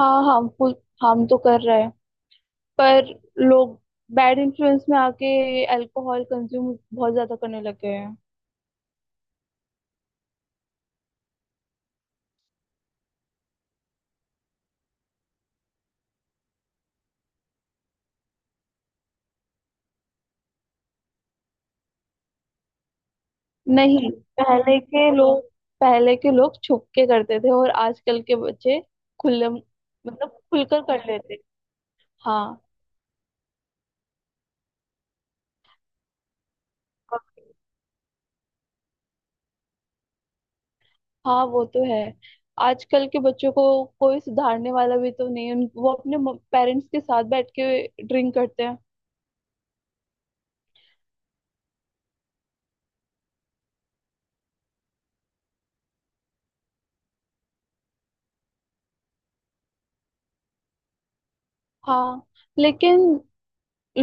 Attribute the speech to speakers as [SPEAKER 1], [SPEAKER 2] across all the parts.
[SPEAKER 1] हाँ, harmful. Harm तो कर रहा है, पर लोग बैड इन्फ्लुएंस में आके अल्कोहल कंज्यूम बहुत ज्यादा करने लग गए हैं। नहीं, पहले के लोग पहले के लोग छुप के करते थे, और आजकल के बच्चे खुले मतलब खुलकर कर लेते हैं। हाँ, हाँ, वो तो है। आजकल के बच्चों को कोई सुधारने वाला भी तो नहीं है। वो अपने पेरेंट्स के साथ बैठ के ड्रिंक करते हैं। हाँ, लेकिन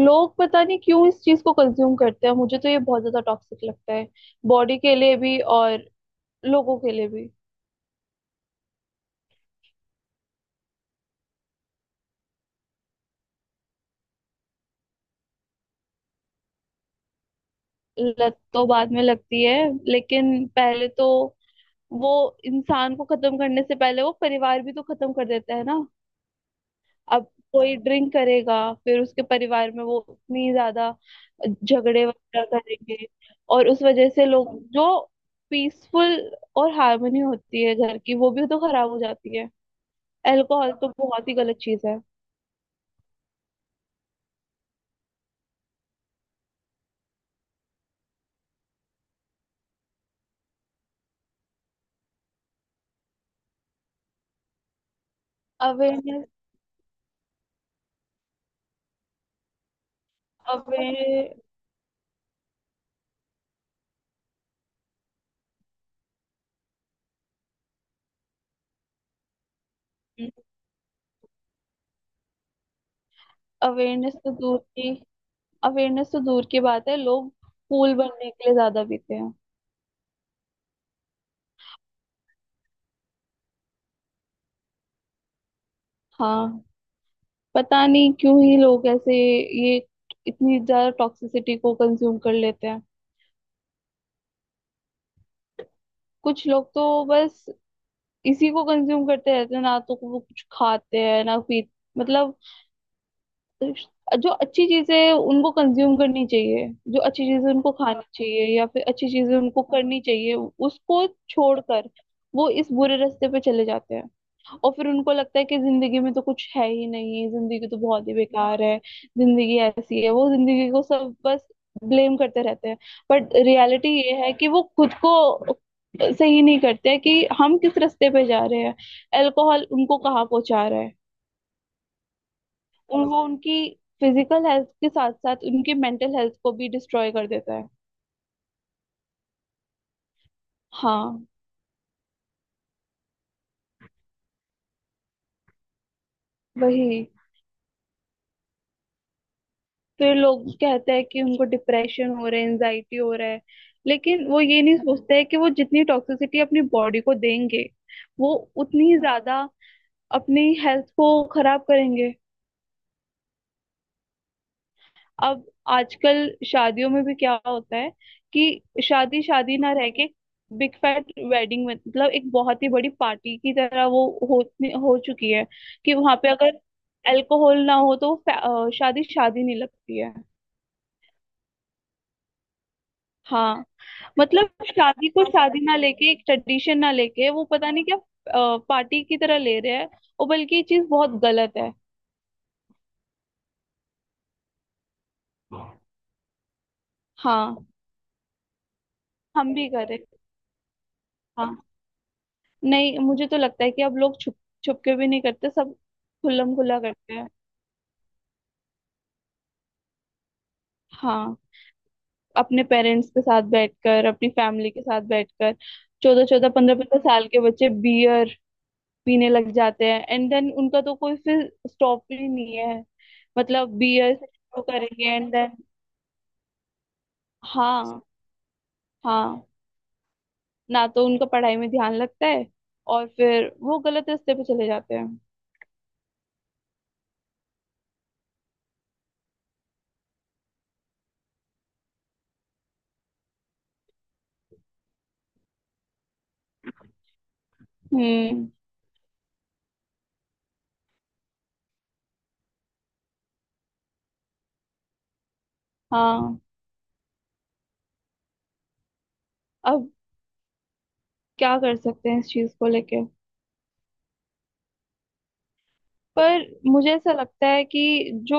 [SPEAKER 1] लोग पता नहीं क्यों इस चीज को कंज्यूम करते हैं। मुझे तो ये बहुत ज्यादा टॉक्सिक लगता है, बॉडी के लिए भी और लोगों के लिए भी। लत तो बाद में लगती है, लेकिन पहले तो वो, इंसान को खत्म करने से पहले वो परिवार भी तो खत्म कर देता है ना। अब कोई ड्रिंक करेगा, फिर उसके परिवार में वो उतनी ज्यादा झगड़े वगैरह करेंगे, और उस वजह से लोग, जो पीसफुल और हार्मनी होती है घर की, वो भी तो खराब हो जाती है। अल्कोहल तो बहुत ही गलत चीज है। अवेयरनेस अवेयर अवेयरनेस तो दूर की अवेयरनेस तो दूर की बात है, लोग फूल बनने के लिए ज्यादा पीते हैं। हाँ, पता नहीं क्यों ही लोग ऐसे, ये इतनी ज्यादा टॉक्सिसिटी को कंज्यूम कर लेते हैं। कुछ लोग तो बस इसी को कंज्यूम करते रहते हैं, ना तो वो कुछ खाते हैं, ना पी, मतलब जो अच्छी चीजें उनको कंज्यूम करनी चाहिए, जो अच्छी चीजें उनको खानी चाहिए, या फिर अच्छी चीजें उनको करनी चाहिए, उसको छोड़कर वो इस बुरे रास्ते पे चले जाते हैं। और फिर उनको लगता है कि जिंदगी में तो कुछ है ही नहीं, जिंदगी तो बहुत ही बेकार है, जिंदगी ऐसी है। वो जिंदगी को सब बस ब्लेम करते रहते हैं। बट रियलिटी ये है कि वो खुद को सही नहीं करते कि हम किस रास्ते पे जा रहे हैं, अल्कोहल उनको कहाँ पहुंचा रहा है। उन वो उनकी फिजिकल हेल्थ के साथ साथ उनकी मेंटल हेल्थ को भी डिस्ट्रॉय कर देता है। हाँ, वही। फिर लोग कहते हैं कि उनको डिप्रेशन हो रहा है, एनजाइटी हो रहा है। लेकिन वो ये नहीं सोचते हैं कि वो जितनी टॉक्सिसिटी अपनी बॉडी को देंगे, वो उतनी ही ज्यादा अपनी हेल्थ को खराब करेंगे। अब आजकल शादियों में भी क्या होता है कि शादी शादी ना रह के, बिग फैट वेडिंग, मतलब एक बहुत ही बड़ी पार्टी की तरह वो हो हो चुकी है। कि वहां पे अगर अल्कोहल ना हो तो शादी शादी नहीं लगती है। हाँ, मतलब शादी को शादी ना लेके, एक ट्रेडिशन ना लेके, वो पता नहीं क्या पार्टी की तरह ले रहे हैं। और बल्कि ये चीज बहुत गलत है। हाँ, हम भी करें। हाँ। नहीं, मुझे तो लगता है कि अब लोग छुप छुप के भी नहीं करते, सब खुल्लम खुल्ला करते हैं। हाँ, अपने पेरेंट्स के साथ बैठकर, अपनी फैमिली के साथ बैठकर, चौदह चौदह पंद्रह पंद्रह साल के बच्चे बियर पीने लग जाते हैं, एंड देन उनका तो कोई फिर स्टॉप ही नहीं है। मतलब बियर से शुरू करेंगे एंड देन। हाँ। हाँ, ना तो उनका पढ़ाई में ध्यान लगता है, और फिर वो गलत रास्ते पे चले जाते हैं। हम्म। हाँ। अब क्या कर सकते हैं इस चीज को लेके, पर मुझे ऐसा लगता है कि जो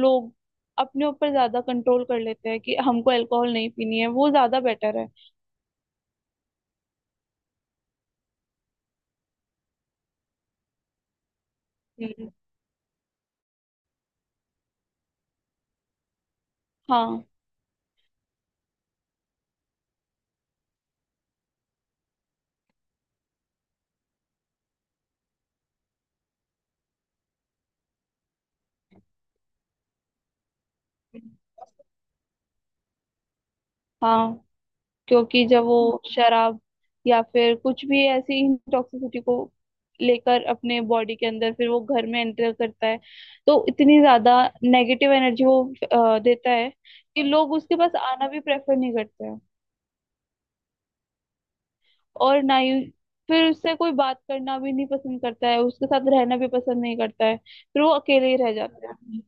[SPEAKER 1] लोग अपने ऊपर ज्यादा कंट्रोल कर लेते हैं कि हमको अल्कोहल नहीं पीनी है, वो ज्यादा बेटर है। हम्म। हाँ, हाँ, क्योंकि जब वो शराब या फिर कुछ भी ऐसी टॉक्सिसिटी को लेकर अपने बॉडी के अंदर, फिर वो घर में एंटर करता है, तो इतनी ज्यादा नेगेटिव एनर्जी वो देता है कि लोग उसके पास आना भी प्रेफर नहीं करते। और ना ही फिर उससे कोई बात करना भी नहीं पसंद करता है, उसके साथ रहना भी पसंद नहीं करता है, फिर वो अकेले ही रह जाता है।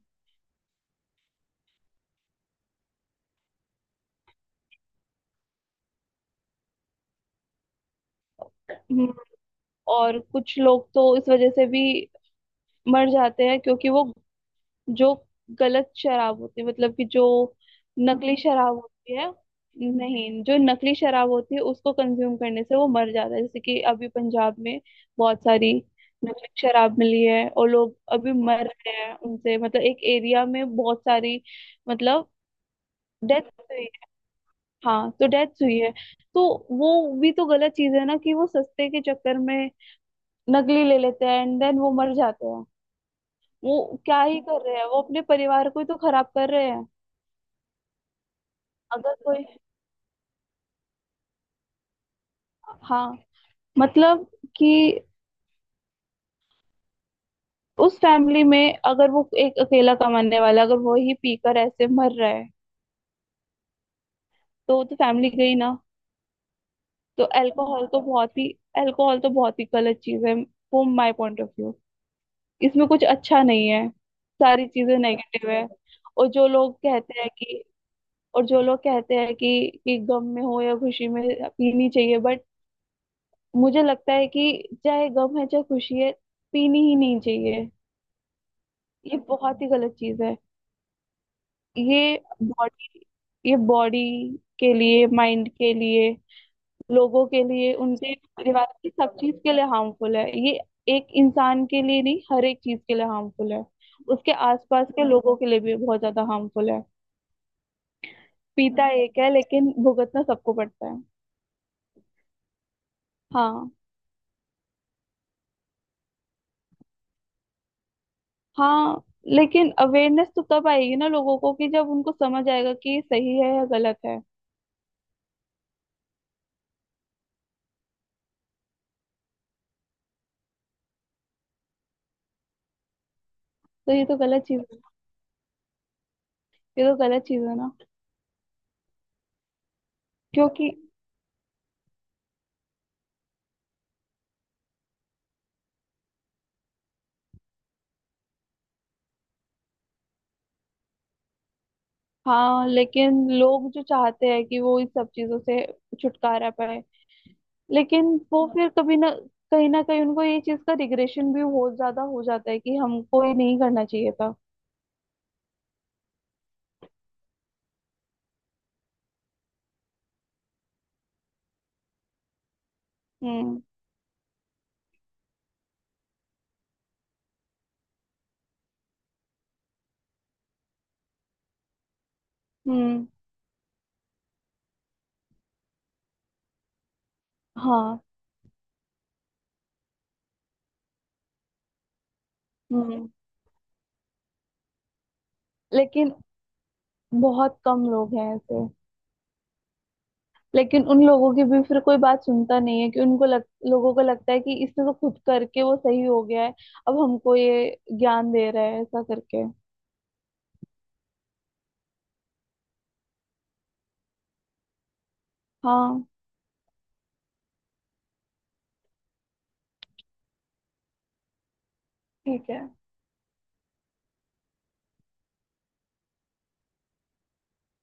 [SPEAKER 1] हम्म। और कुछ लोग तो इस वजह से भी मर जाते हैं क्योंकि वो, जो गलत शराब होती है, मतलब कि जो नकली शराब होती है, नहीं, जो नकली शराब होती है उसको कंज्यूम करने से वो मर जाता है। जैसे कि अभी पंजाब में बहुत सारी नकली शराब मिली है और लोग अभी मर रहे हैं उनसे, मतलब एक एरिया में बहुत सारी, मतलब डेथ हुई है। हाँ, तो डेथ हुई है। तो वो भी तो गलत चीज है ना, कि वो सस्ते के चक्कर में नकली ले लेते हैं एंड देन वो मर जाते हैं। वो क्या ही कर रहे हैं, वो अपने परिवार को ही तो खराब कर रहे हैं। अगर कोई, हाँ, मतलब कि उस फैमिली में अगर वो एक अकेला कमाने वाला, अगर वो ही पीकर ऐसे मर रहा है, तो वो तो फैमिली गई ना। तो अल्कोहल तो बहुत ही गलत चीज है, from my point of view. इसमें कुछ अच्छा नहीं है, सारी चीजें नेगेटिव है। और जो लोग कहते हैं कि और जो लोग कहते हैं कि गम में हो या खुशी में पीनी चाहिए, बट मुझे लगता है कि चाहे गम है चाहे खुशी है, पीनी ही नहीं चाहिए। ये बहुत ही गलत चीज है। ये बॉडी ये बॉडी के लिए, माइंड के लिए, लोगों के लिए, उनके परिवार की सब चीज के लिए हार्मफुल है ये। एक इंसान के लिए नहीं, हर एक चीज के लिए हार्मफुल है। उसके आसपास के लोगों के लिए भी बहुत ज्यादा हार्मफुल है। पीता एक है, लेकिन भुगतना सबको पड़ता है। हाँ। हाँ, लेकिन अवेयरनेस तो तब आएगी ना लोगों को कि जब उनको समझ आएगा कि ये सही है या गलत है। तो ये तो गलत चीज है, ये तो गलत चीज है ना, क्योंकि हाँ। लेकिन लोग जो चाहते हैं कि वो इन सब चीजों से छुटकारा पाए, लेकिन वो फिर कभी ना, कहीं ना कहीं उनको ये चीज का रिग्रेशन भी बहुत ज्यादा हो जाता है कि हमको ये नहीं करना चाहिए था। हम्म। हम्म। हाँ। हम्म। लेकिन बहुत कम लोग हैं ऐसे। लेकिन उन लोगों की भी फिर कोई बात सुनता नहीं है कि उनको लोगों को लगता है कि इसने तो खुद करके वो सही हो गया है, अब हमको ये ज्ञान दे रहा है ऐसा करके। हाँ, ठीक है।